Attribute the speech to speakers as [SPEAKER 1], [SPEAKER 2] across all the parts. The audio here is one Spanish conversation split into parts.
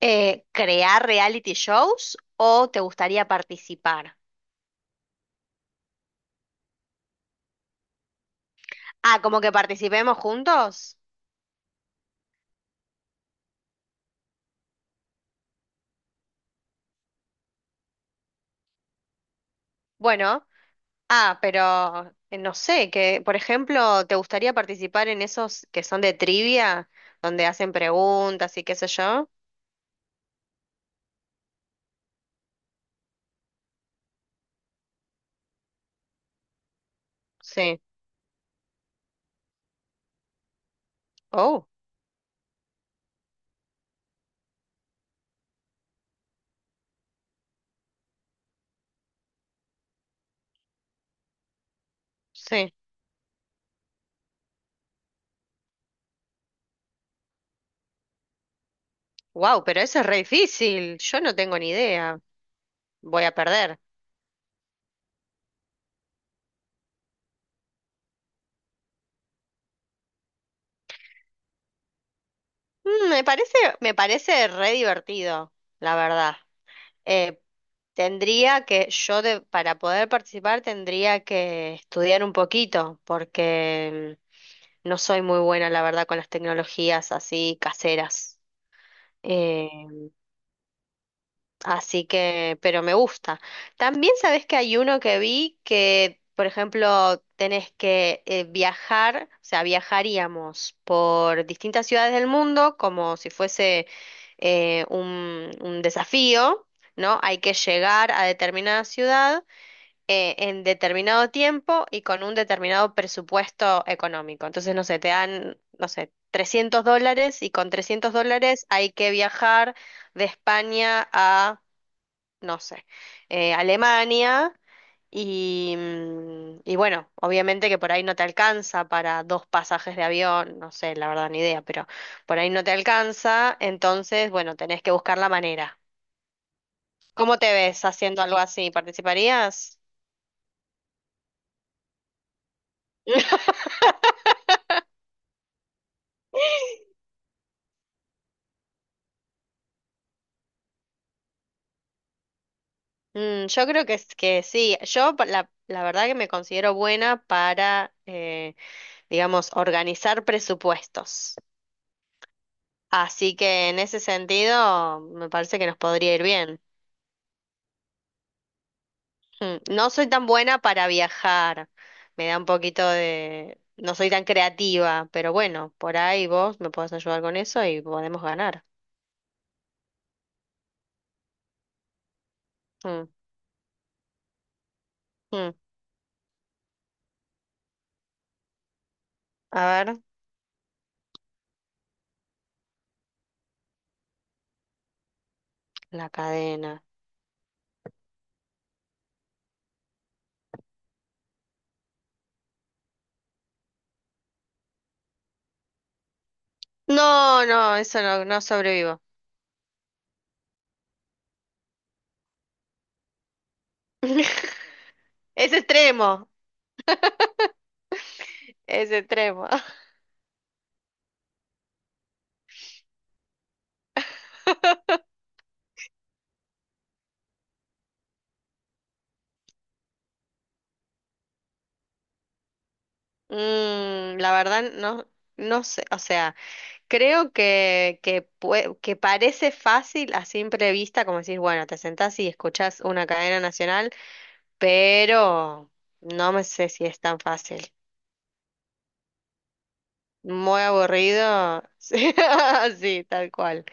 [SPEAKER 1] ¿Crear reality shows o te gustaría participar? Ah, como que participemos juntos. Bueno, pero no sé, que por ejemplo, ¿te gustaría participar en esos que son de trivia, donde hacen preguntas y qué sé yo? Sí. Oh, sí. Wow, pero eso es re difícil. Yo no tengo ni idea. Voy a perder. Me parece re divertido, la verdad. Eh, tendría que, para poder participar tendría que estudiar un poquito, porque no soy muy buena, la verdad, con las tecnologías así caseras. Eh, Así que, pero me gusta. También sabes que hay uno que vi que, por ejemplo, tenés que viajar, o sea, viajaríamos por distintas ciudades del mundo como si fuese un desafío, ¿no? Hay que llegar a determinada ciudad en determinado tiempo y con un determinado presupuesto económico. Entonces, no sé, te dan, no sé, $300 y con $300 hay que viajar de España a no sé, Alemania y bueno, obviamente que por ahí no te alcanza para dos pasajes de avión, no sé, la verdad ni idea, pero por ahí no te alcanza, entonces bueno, tenés que buscar la manera. ¿Cómo te ves haciendo algo así? ¿Participarías? Yo creo que, que sí. La verdad que me considero buena para, digamos, organizar presupuestos. Así que en ese sentido me parece que nos podría ir bien. No soy tan buena para viajar, me da un poquito de. No soy tan creativa, pero bueno, por ahí vos me podés ayudar con eso y podemos ganar. Mm, mm. A ver, la cadena. No, no, eso no, no sobrevivo. Es extremo, es extremo. La verdad, no, no sé, o sea, creo que parece fácil a simple vista, como decís, bueno, te sentás y escuchás una cadena nacional. Pero no me sé si es tan fácil. Muy aburrido. Sí, tal cual,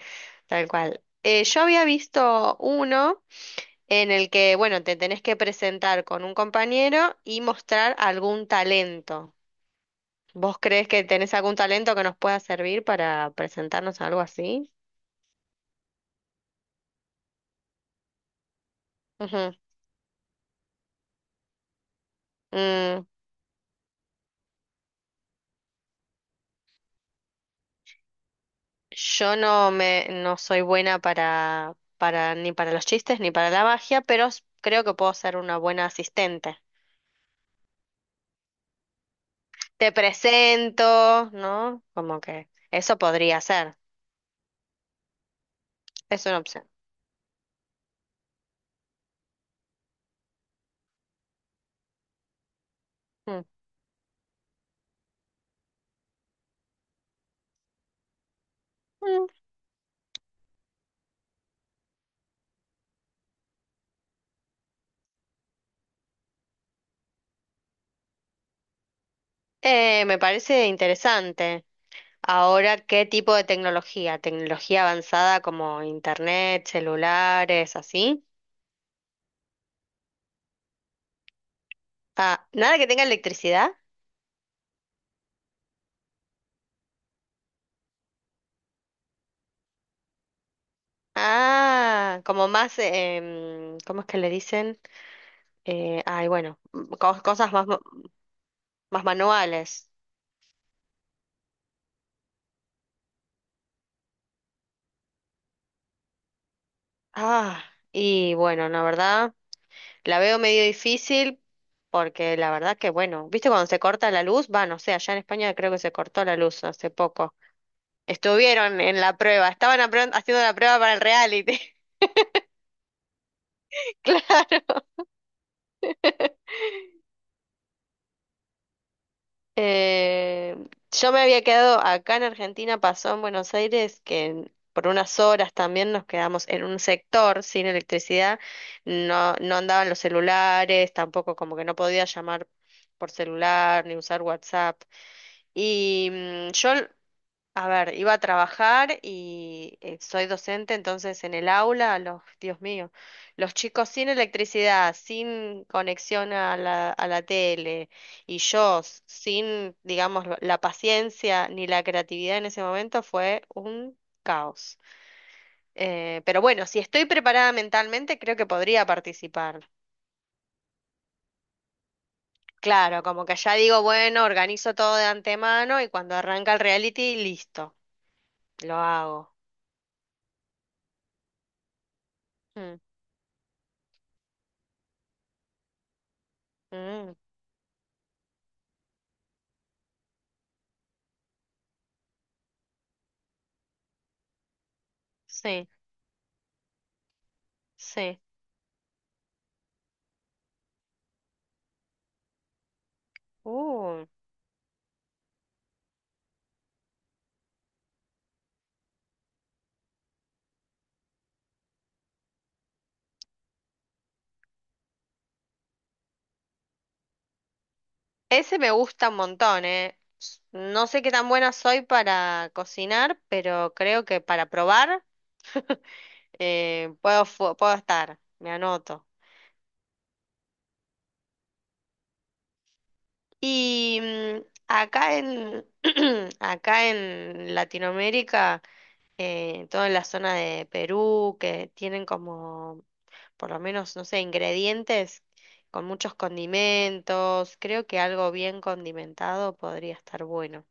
[SPEAKER 1] tal cual. Yo había visto uno en el que, bueno, te tenés que presentar con un compañero y mostrar algún talento. ¿Vos crees que tenés algún talento que nos pueda servir para presentarnos a algo así? Ujú. Mm, yo no me no soy buena para ni para los chistes ni para la magia, pero creo que puedo ser una buena asistente. Te presento, ¿no? Como que eso podría ser, es una opción. Mm. Mm. Me parece interesante. Ahora, ¿qué tipo de tecnología? ¿Tecnología avanzada como internet, celulares, así? Ah, ¿nada que tenga electricidad? Ah, como más, ¿cómo es que le dicen? Ay, bueno, cosas más, más manuales. Ah, y bueno, la verdad. La veo medio difícil porque la verdad que, bueno, ¿viste cuando se corta la luz? Va, no sé, allá en España creo que se cortó la luz hace poco. Estuvieron en la prueba, estaban haciendo la prueba para el reality. Claro. Yo me había quedado acá en Argentina, pasó en Buenos Aires, por unas horas también nos quedamos en un sector sin electricidad. No, no andaban los celulares, tampoco como que no podía llamar por celular ni usar WhatsApp. Y mm, yo A ver, iba a trabajar y soy docente, entonces en el aula, los, Dios mío, los chicos sin electricidad, sin conexión a la tele y yo sin, digamos, la paciencia ni la creatividad en ese momento fue un caos. Pero bueno, si estoy preparada mentalmente, creo que podría participar. Claro, como que ya digo, bueno, organizo todo de antemano y cuando arranca el reality, listo, lo hago. Mm, mm, sí. Sí. Uh, ese me gusta un montón, ¿eh? No sé qué tan buena soy para cocinar, pero creo que para probar puedo estar. Me anoto. Y acá en, acá en Latinoamérica, toda la zona de Perú, que tienen como, por lo menos, no sé, ingredientes con muchos condimentos, creo que algo bien condimentado podría estar bueno.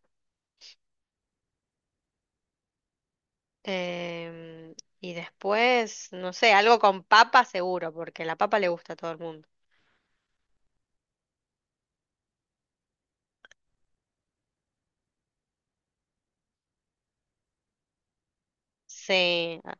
[SPEAKER 1] Em, y después, no sé, algo con papa seguro, porque la papa le gusta a todo el mundo. Sí. Ah.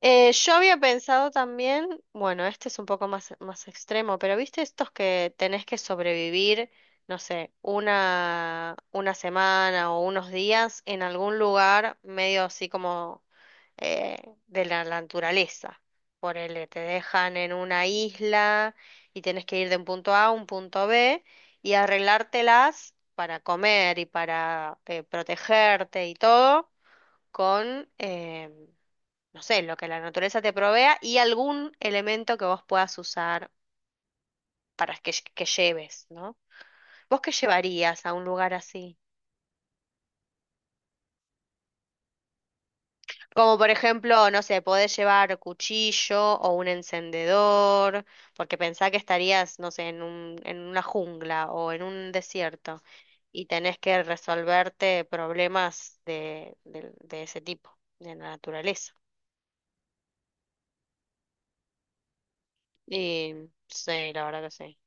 [SPEAKER 1] Yo había pensado también, bueno, este es un poco más, más extremo, pero viste estos que tenés que sobrevivir, no sé, una semana o unos días en algún lugar medio así como eh, de la naturaleza. Por el te dejan en una isla y tienes que ir de un punto A a un punto B y arreglártelas para comer y para protegerte y todo con, no sé, lo que la naturaleza te provea y algún elemento que vos puedas usar para que, que lleves, ¿no? ¿Vos qué llevarías a un lugar así? Como por ejemplo, no sé, podés llevar cuchillo o un encendedor, porque pensá que estarías, no sé, en una jungla o en un desierto y tenés que resolverte problemas de ese tipo, de la naturaleza. Y sí, la verdad que sí.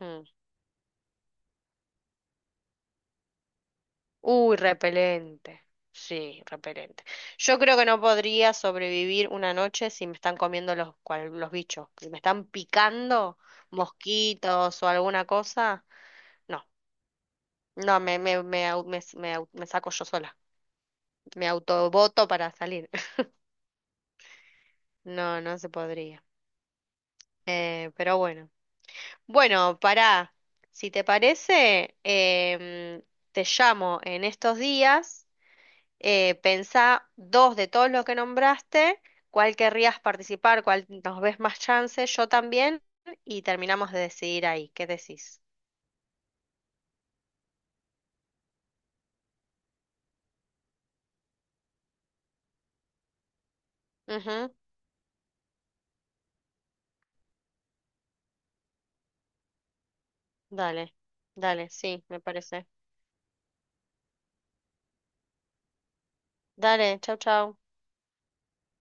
[SPEAKER 1] Mm. Uy, repelente. Sí, repelente. Yo creo que no podría sobrevivir una noche si me están comiendo los bichos. Si me están picando mosquitos o alguna cosa, no. No, me, au- me, s- me au- me saco yo sola. Me autoboto para salir. No, no se podría. Pero bueno. Bueno, pará. Si te parece, te llamo en estos días. Pensá dos de todos los que nombraste, cuál querrías participar, cuál nos ves más chance, yo también, y terminamos de decidir ahí. ¿Qué decís? Ujú, dale, dale, sí, me parece. Dale, chau, chau.